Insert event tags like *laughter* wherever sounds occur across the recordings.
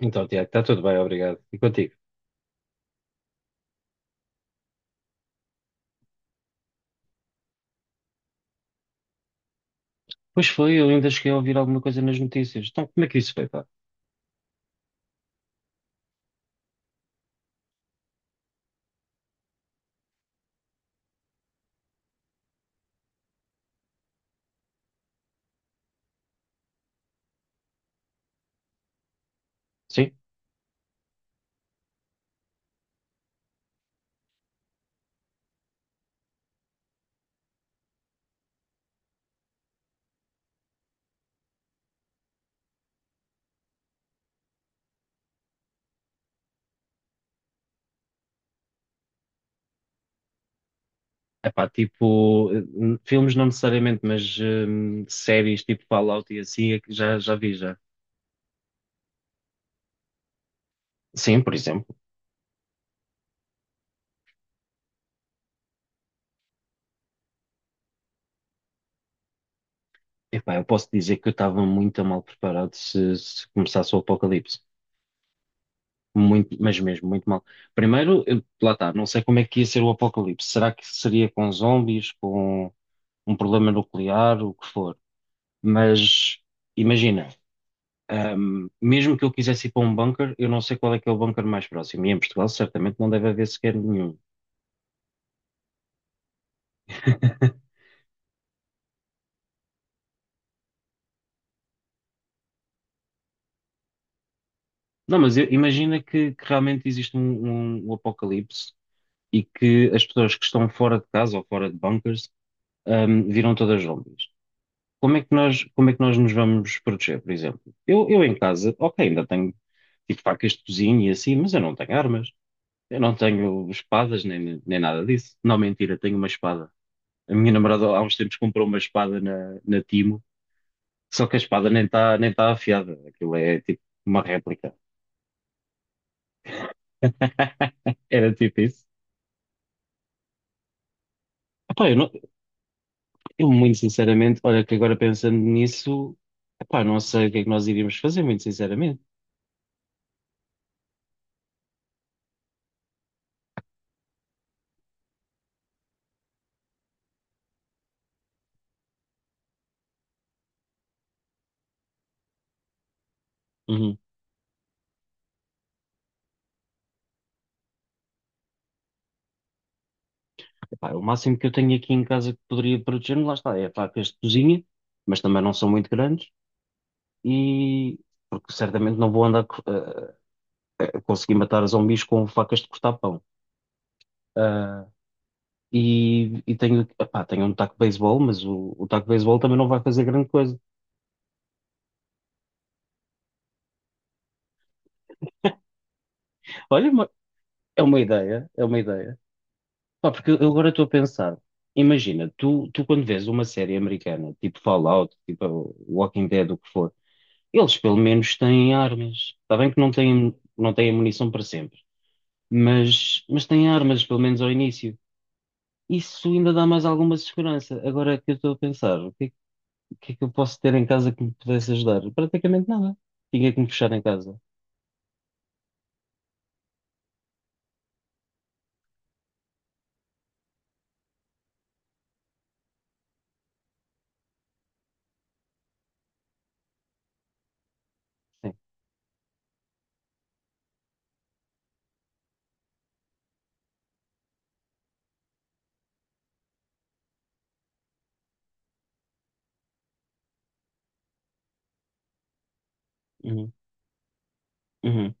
Então, Tiago, está tudo bem, obrigado. E contigo? Pois foi, eu ainda cheguei a ouvir alguma coisa nas notícias. Então, como é que isso foi, pá? Sim? É pá, tipo, filmes não necessariamente, mas séries tipo Fallout e assim, é que já vi já. Sim, por exemplo. Epá, eu posso dizer que eu estava muito mal preparado se começasse o apocalipse. Muito, mas mesmo, muito mal. Primeiro, lá está, não sei como é que ia ser o apocalipse. Será que seria com zombies, com um problema nuclear, o que for? Mas imagina. Mesmo que eu quisesse ir para um bunker, eu não sei qual é que é o bunker mais próximo. E em Portugal, certamente, não deve haver sequer nenhum. Não, mas imagina que realmente existe um apocalipse e que as pessoas que estão fora de casa ou fora de bunkers, viram todas zombies. Como é que nós nos vamos proteger, por exemplo? Eu em casa, ok, ainda tenho tipo facas de cozinha e assim, mas eu não tenho armas. Eu não tenho espadas nem nada disso. Não, mentira, tenho uma espada. A minha namorada há uns tempos comprou uma espada na Timo. Só que a espada nem está nem tá afiada. Aquilo é tipo uma réplica. *laughs* Era tipo isso. Epá, eu, não- eu muito sinceramente, olha que agora pensando nisso, epá, não sei o que é que nós iríamos fazer, muito sinceramente. Uhum. Epá, o máximo que eu tenho aqui em casa que poderia proteger-me, lá está, é facas de cozinha, mas também não são muito grandes e porque certamente não vou andar a conseguir matar zumbis com facas de cortar pão. Ah, e tenho, epá, tenho um taco de beisebol, mas o taco de beisebol também não vai fazer grande coisa. Olha, é uma ideia, é uma ideia. Pá, porque eu agora estou a pensar, imagina, tu quando vês uma série americana, tipo Fallout, tipo Walking Dead, o que for, eles pelo menos têm armas. Está bem que não têm munição para sempre, mas têm armas, pelo menos ao início. Isso ainda dá mais alguma segurança. Agora que eu estou a pensar, o que é que eu posso ter em casa que me pudesse ajudar? Praticamente nada. Tinha que me fechar em casa. Sim. Uhum. Uhum.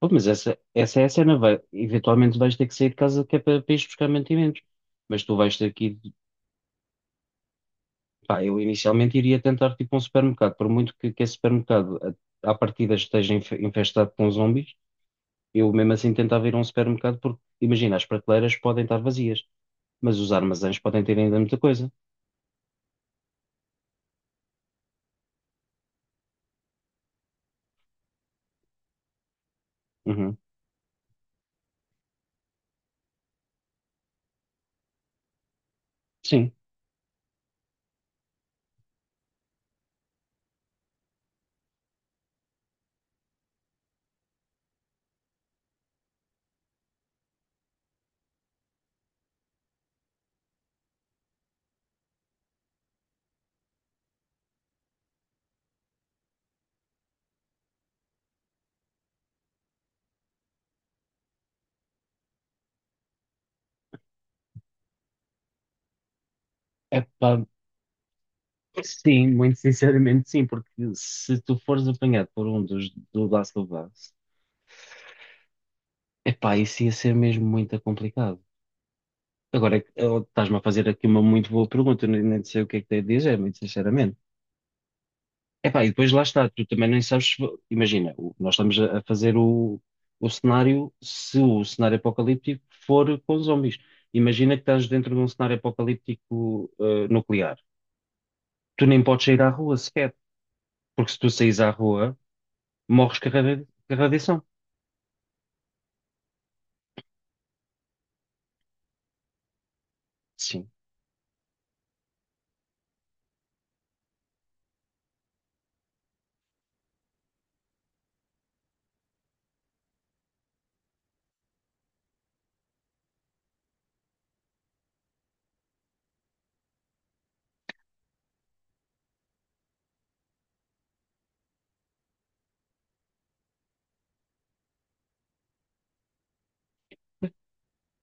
Pô, mas essa é a cena, eventualmente vais ter que sair de casa que é para ires buscar mantimentos. Mas tu vais ter que ir, pá, eu inicialmente iria tentar tipo um supermercado, por muito que esse supermercado à partida esteja infestado com zombies, eu mesmo assim tentava ir a um supermercado porque, imagina, as prateleiras podem estar vazias, mas os armazéns podem ter ainda muita coisa. Uhum. Sim, é pá, sim, muito sinceramente sim, porque se tu fores apanhado por um dos do Last of Us, é pá, isso ia ser mesmo muito complicado. Agora, estás-me a fazer aqui uma muito boa pergunta, eu nem sei o que é que tenho a dizer, muito sinceramente. Epá, e depois lá está, tu também nem sabes, se vo- imagina, nós estamos a fazer o cenário, se o cenário apocalíptico for com zombies. Imagina que estás dentro de um cenário apocalíptico, nuclear. Tu nem podes sair à rua sequer, porque se tu saís à rua, morres com a radiação. Sim,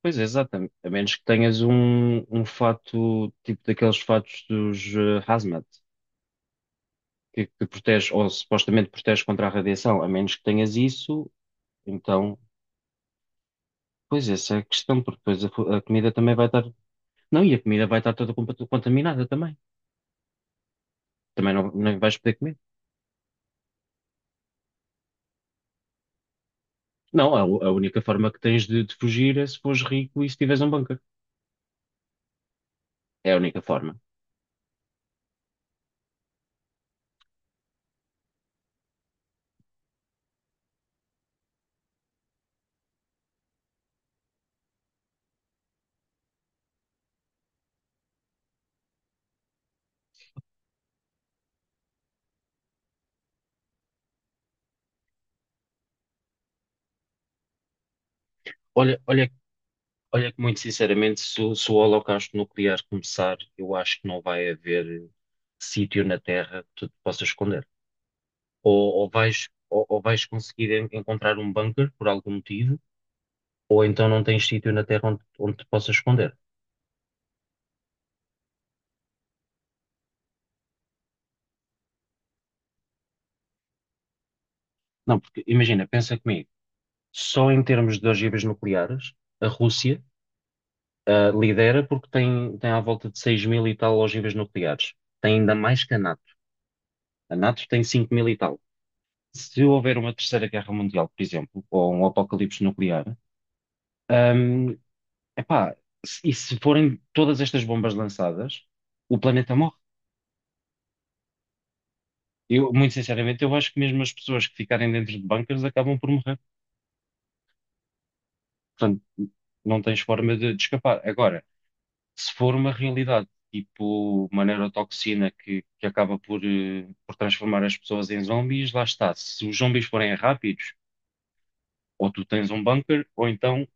pois é, exatamente. A menos que tenhas um fato, tipo daqueles fatos dos hazmat. Que protege, ou supostamente protege contra a radiação, a menos que tenhas isso, então, pois essa é a questão, porque depois a comida também vai estar. Não, e a comida vai estar toda contaminada também. Também não vais poder comer. Não, a única forma que tens de fugir é se fores rico e se tiveres um bunker. É a única forma. Olha, olha Olha que muito sinceramente, se o holocausto nuclear começar, eu acho que não vai haver sítio na Terra que tu te possas esconder. Ou vais, ou vais conseguir encontrar um bunker por algum motivo, ou então não tens sítio na Terra onde te possas esconder. Não, porque imagina, pensa comigo, só em termos de ogivas nucleares, a Rússia lidera porque tem à volta de 6 mil e tal ogivas nucleares. Tem ainda mais que a NATO. A NATO tem 5 mil e tal. Se houver uma terceira guerra mundial, por exemplo, ou um apocalipse nuclear, hum, epá, e se forem todas estas bombas lançadas, o planeta morre. Eu, muito sinceramente, eu acho que mesmo as pessoas que ficarem dentro de bunkers acabam por morrer. Portanto, não tens forma de escapar. Agora, se for uma realidade, tipo uma neurotoxina que acaba por transformar as pessoas em zombies, lá está. Se os zombies forem rápidos, ou tu tens um bunker, ou então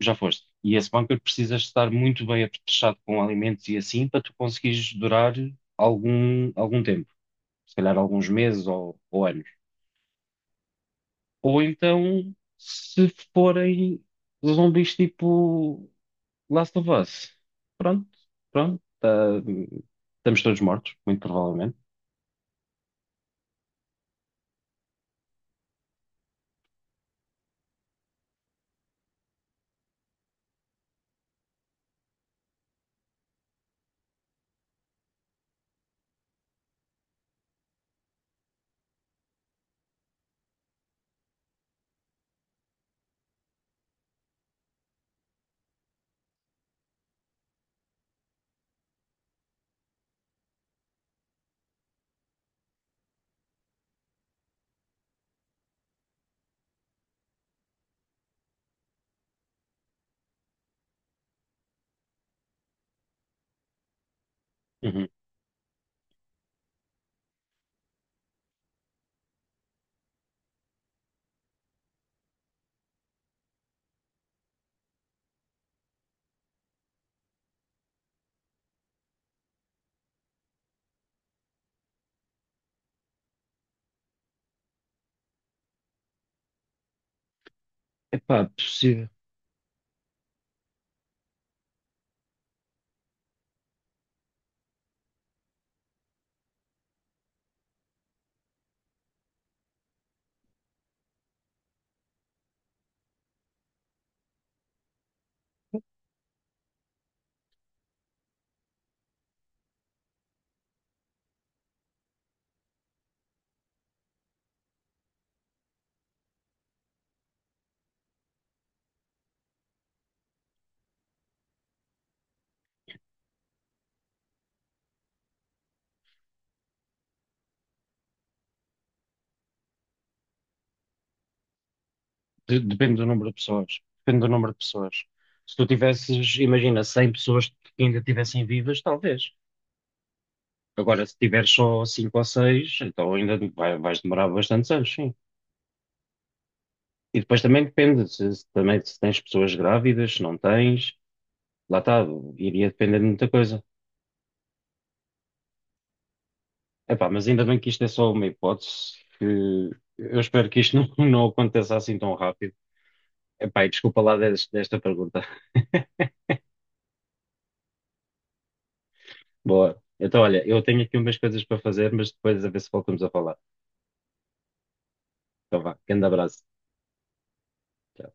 já foste. E esse bunker precisas estar muito bem apetrechado com alimentos e assim para tu conseguires durar algum tempo, se calhar alguns meses ou anos. Ou então, se forem zombies tipo Last of Us, pronto, pronto, estamos todos mortos, muito provavelmente. Uhum. Epá, possível. Depende do número de pessoas. Depende do número de pessoas. Se tu tivesses, imagina, 100 pessoas que ainda estivessem vivas, talvez. Agora, se tiveres só 5 ou 6, então ainda vais demorar bastantes anos, sim. E depois também depende, se também, se tens pessoas grávidas, se não tens, lá está, iria depender de muita coisa. Epá, mas ainda bem que isto é só uma hipótese, que eu espero que isto *laughs* não aconteça assim tão rápido. Epá, e desculpa lá desta pergunta. *laughs* Boa. Então, olha, eu tenho aqui umas coisas para fazer, mas depois a ver se voltamos a falar. Então, vá, grande abraço. Tchau.